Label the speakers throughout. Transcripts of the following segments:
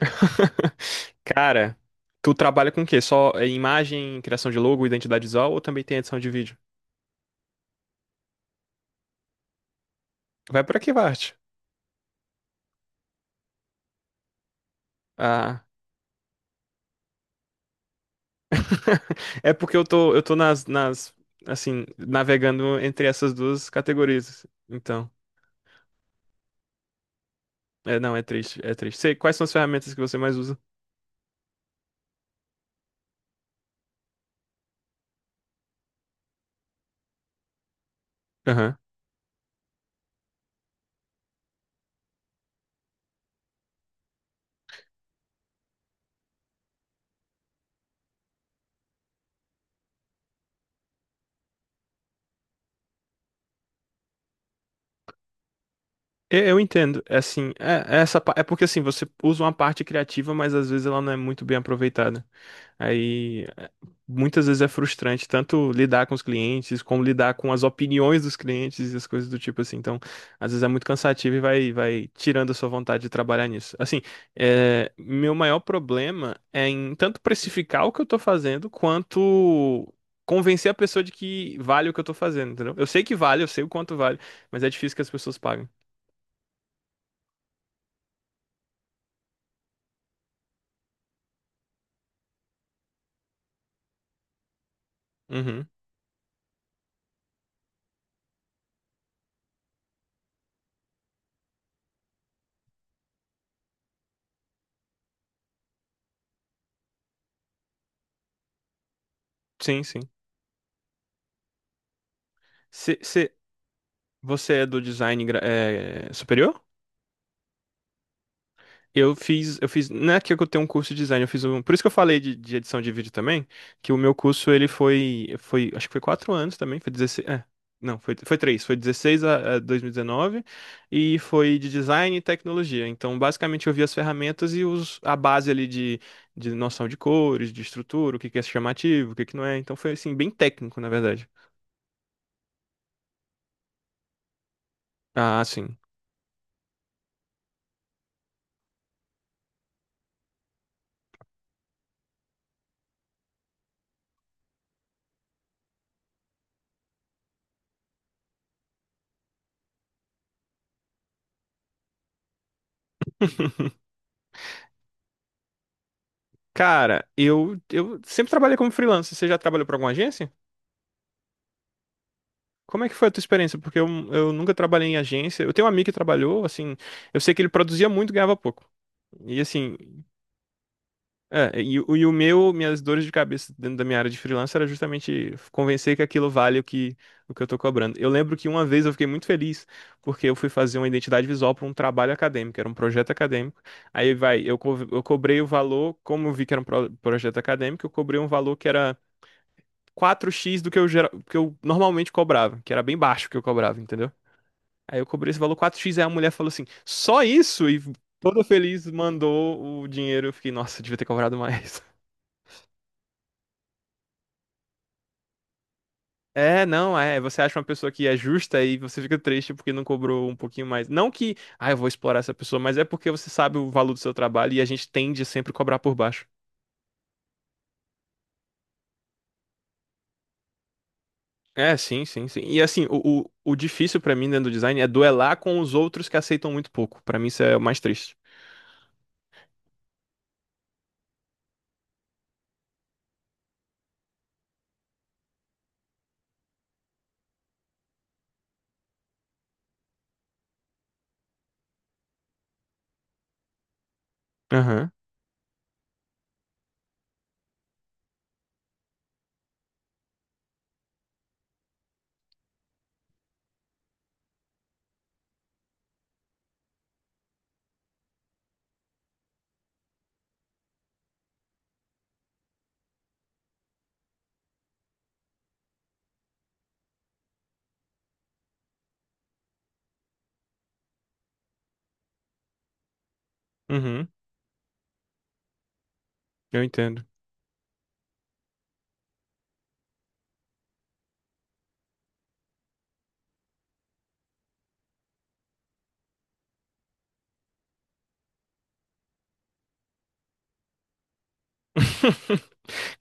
Speaker 1: Cara, tu trabalha com o quê? Só imagem, criação de logo, identidade visual ou também tem edição de vídeo? Vai pra que parte? Ah, é porque eu tô nas, assim, navegando entre essas duas categorias. Então, não, é triste, é triste. Sei, quais são as ferramentas que você mais usa? Aham. Eu entendo, é assim, é essa, é porque assim, você usa uma parte criativa, mas às vezes ela não é muito bem aproveitada. Aí muitas vezes é frustrante tanto lidar com os clientes, como lidar com as opiniões dos clientes e as coisas do tipo assim. Então, às vezes é muito cansativo e vai tirando a sua vontade de trabalhar nisso. Assim, meu maior problema é em tanto precificar o que eu tô fazendo, quanto convencer a pessoa de que vale o que eu tô fazendo, entendeu? Eu sei que vale, eu sei o quanto vale, mas é difícil que as pessoas paguem. Uhum. Sim, sim. Cê- cê- Você é do design é, superior? Eu fiz, não é que eu tenho um curso de design, eu fiz um, por isso que eu falei de edição de vídeo também, que o meu curso ele foi, acho que foi 4 anos também, foi 16, não, foi três, foi 16 a 2019 e 19, e foi de design e tecnologia. Então, basicamente eu vi as ferramentas e a base ali de noção de cores, de estrutura, o que que é chamativo, o que que não é. Então foi assim bem técnico, na verdade. Ah, sim. Cara, eu sempre trabalhei como freelancer. Você já trabalhou para alguma agência? Como é que foi a tua experiência? Porque eu nunca trabalhei em agência. Eu tenho um amigo que trabalhou, assim, eu sei que ele produzia muito e ganhava pouco. E assim, minhas dores de cabeça dentro da minha área de freelancer era justamente convencer que aquilo vale o que eu tô cobrando. Eu lembro que uma vez eu fiquei muito feliz porque eu fui fazer uma identidade visual para um trabalho acadêmico, era um projeto acadêmico. Aí vai, eu cobrei o valor, como eu vi que era um projeto acadêmico, eu cobrei um valor que era 4x do que que eu normalmente cobrava, que era bem baixo o que eu cobrava, entendeu? Aí eu cobrei esse valor 4x, aí a mulher falou assim, só isso? E toda feliz mandou o dinheiro. Eu fiquei, nossa, devia ter cobrado mais. É, não, é. Você acha uma pessoa que é justa e você fica triste porque não cobrou um pouquinho mais. Não que, ah, eu vou explorar essa pessoa, mas é porque você sabe o valor do seu trabalho e a gente tende a sempre cobrar por baixo. É, sim, sim, sim. E assim, o difícil pra mim dentro do design é duelar com os outros que aceitam muito pouco. Pra mim isso é o mais triste. Aham, uhum, eu entendo.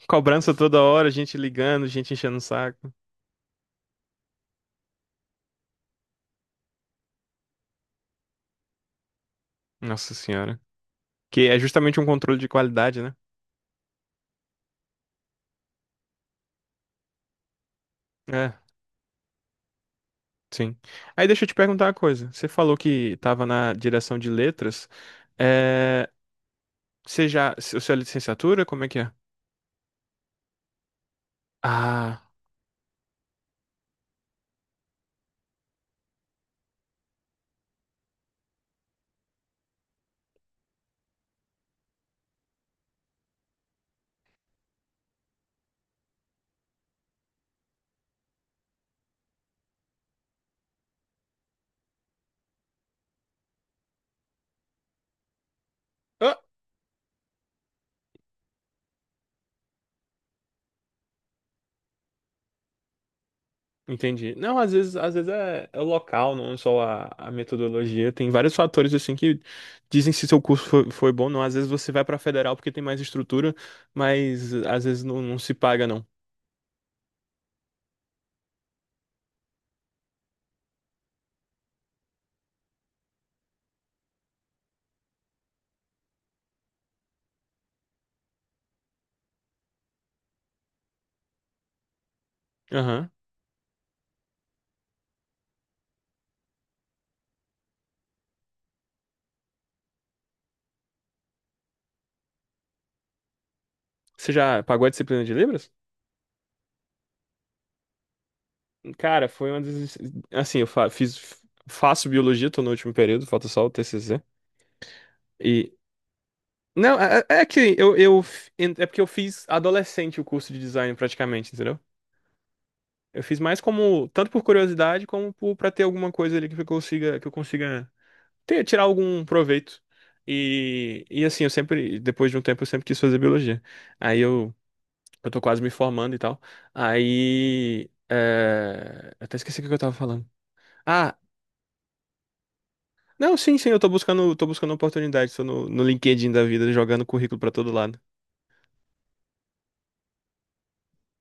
Speaker 1: Cobrança toda hora, gente ligando, gente enchendo o saco. Nossa senhora. Que é justamente um controle de qualidade, né? É, sim. Aí deixa eu te perguntar uma coisa. Você falou que estava na direção de letras. É... Você já. Se- Sua licenciatura, como é que é? Ah. Ah, entendi. Não, às vezes é o local, não só a metodologia. Tem vários fatores assim que dizem se seu curso foi bom ou não. Às vezes você vai para federal porque tem mais estrutura, mas às vezes não, não se paga, não. Aham. Você já pagou a disciplina de Libras? Cara, foi uma das. Assim, eu faço biologia, tô no último período, falta só o TCC. E. Não, é que É porque eu fiz adolescente o curso de design praticamente, entendeu? Eu fiz mais como. Tanto por curiosidade, como por, pra ter alguma coisa ali que eu consiga. Que eu consiga tirar algum proveito. E, assim, eu sempre. Depois de um tempo, eu sempre quis fazer biologia. Aí eu. Eu tô quase me formando e tal. Aí. Eu até esqueci o que eu tava falando. Ah, não, sim, sim, eu tô buscando oportunidade. Tô no LinkedIn da vida, jogando currículo pra todo lado.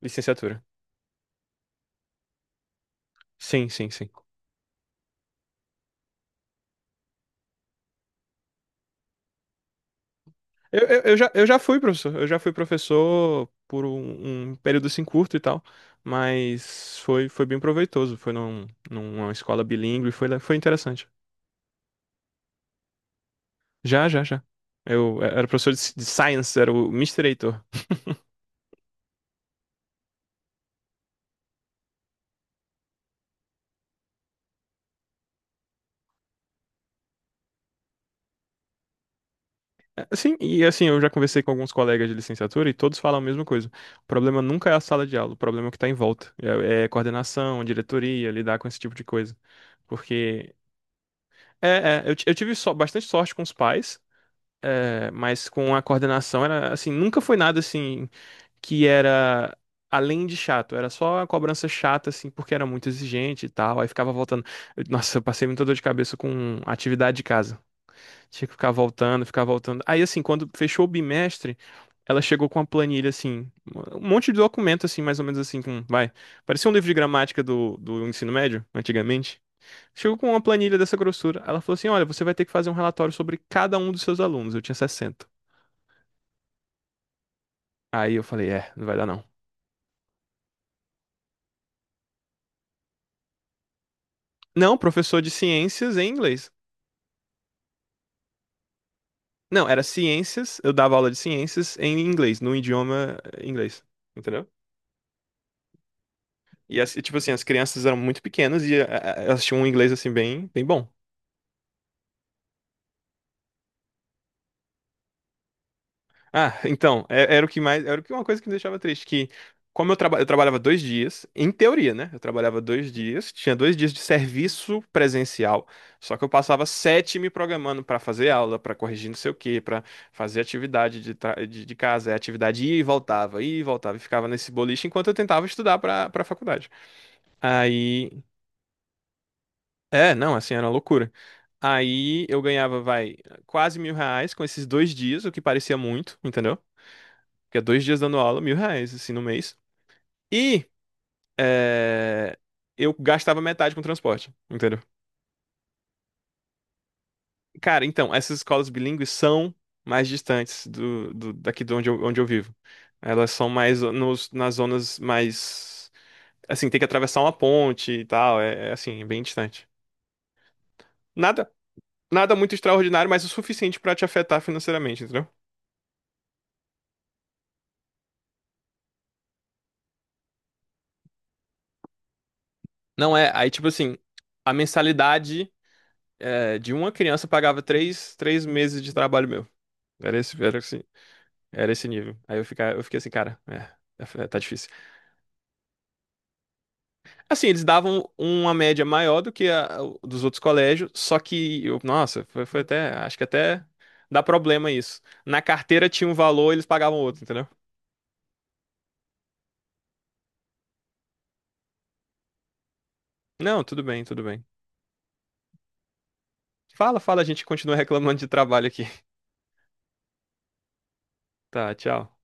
Speaker 1: Licenciatura. Sim, sim, sim. Eu já fui professor. Eu já fui professor por um período assim curto e tal. Mas foi bem proveitoso. Foi numa escola bilíngue, foi interessante. Já, já, já. Eu era professor de Science, era o Mister Heitor. Sim, e assim, eu já conversei com alguns colegas de licenciatura e todos falam a mesma coisa. O problema nunca é a sala de aula, o problema é o que está em volta. É coordenação, diretoria, lidar com esse tipo de coisa. Porque eu tive só, bastante sorte com os pais, mas com a coordenação era assim, nunca foi nada assim que era além de chato, era só a cobrança chata, assim, porque era muito exigente e tal. Aí ficava voltando. Nossa, eu passei muita dor de cabeça com atividade de casa. Tinha que ficar voltando, ficar voltando. Aí, assim, quando fechou o bimestre, ela chegou com uma planilha, assim, um monte de documento, assim, mais ou menos assim, com, vai, parecia um livro de gramática do ensino médio, antigamente. Chegou com uma planilha dessa grossura. Ela falou assim, olha, você vai ter que fazer um relatório sobre cada um dos seus alunos. Eu tinha 60. Aí eu falei, não vai dar não. Não, professor de ciências em inglês. Não, era ciências, eu dava aula de ciências em inglês, no idioma inglês. Entendeu? E, tipo assim, as crianças eram muito pequenas e elas tinham um inglês, assim, bem, bem bom. Ah, então, era o que mais, era o que uma coisa que me deixava triste, que como eu trabalhava 2 dias, em teoria, né? Eu trabalhava dois dias, tinha 2 dias de serviço presencial, só que eu passava sete me programando pra fazer aula, pra corrigir não sei o quê, pra fazer atividade de casa, atividade ia e voltava, e ficava nesse boliche enquanto eu tentava estudar pra para faculdade. Aí, não, assim, era uma loucura. Aí eu ganhava, vai, quase R$ 1.000 com esses 2 dias, o que parecia muito, entendeu? Porque é 2 dias dando aula, R$ 1.000, assim, no mês. E é, eu gastava metade com transporte, entendeu? Cara, então, essas escolas bilíngues são mais distantes daqui de onde onde eu vivo. Elas são mais nas zonas mais. Assim, tem que atravessar uma ponte e tal, é assim, bem distante. Nada, nada muito extraordinário, mas o suficiente pra te afetar financeiramente, entendeu? Não é, aí tipo assim, a mensalidade de uma criança pagava três meses de trabalho meu. Era esse, era esse, era esse nível. Aí eu fiquei assim, cara, tá difícil. Assim, eles davam uma média maior do que dos outros colégios, só que, eu, nossa, foi até, acho que até dá problema isso. Na carteira tinha um valor, eles pagavam outro, entendeu? Não, tudo bem, tudo bem. Fala, fala, a gente continua reclamando de trabalho aqui. Tá, tchau.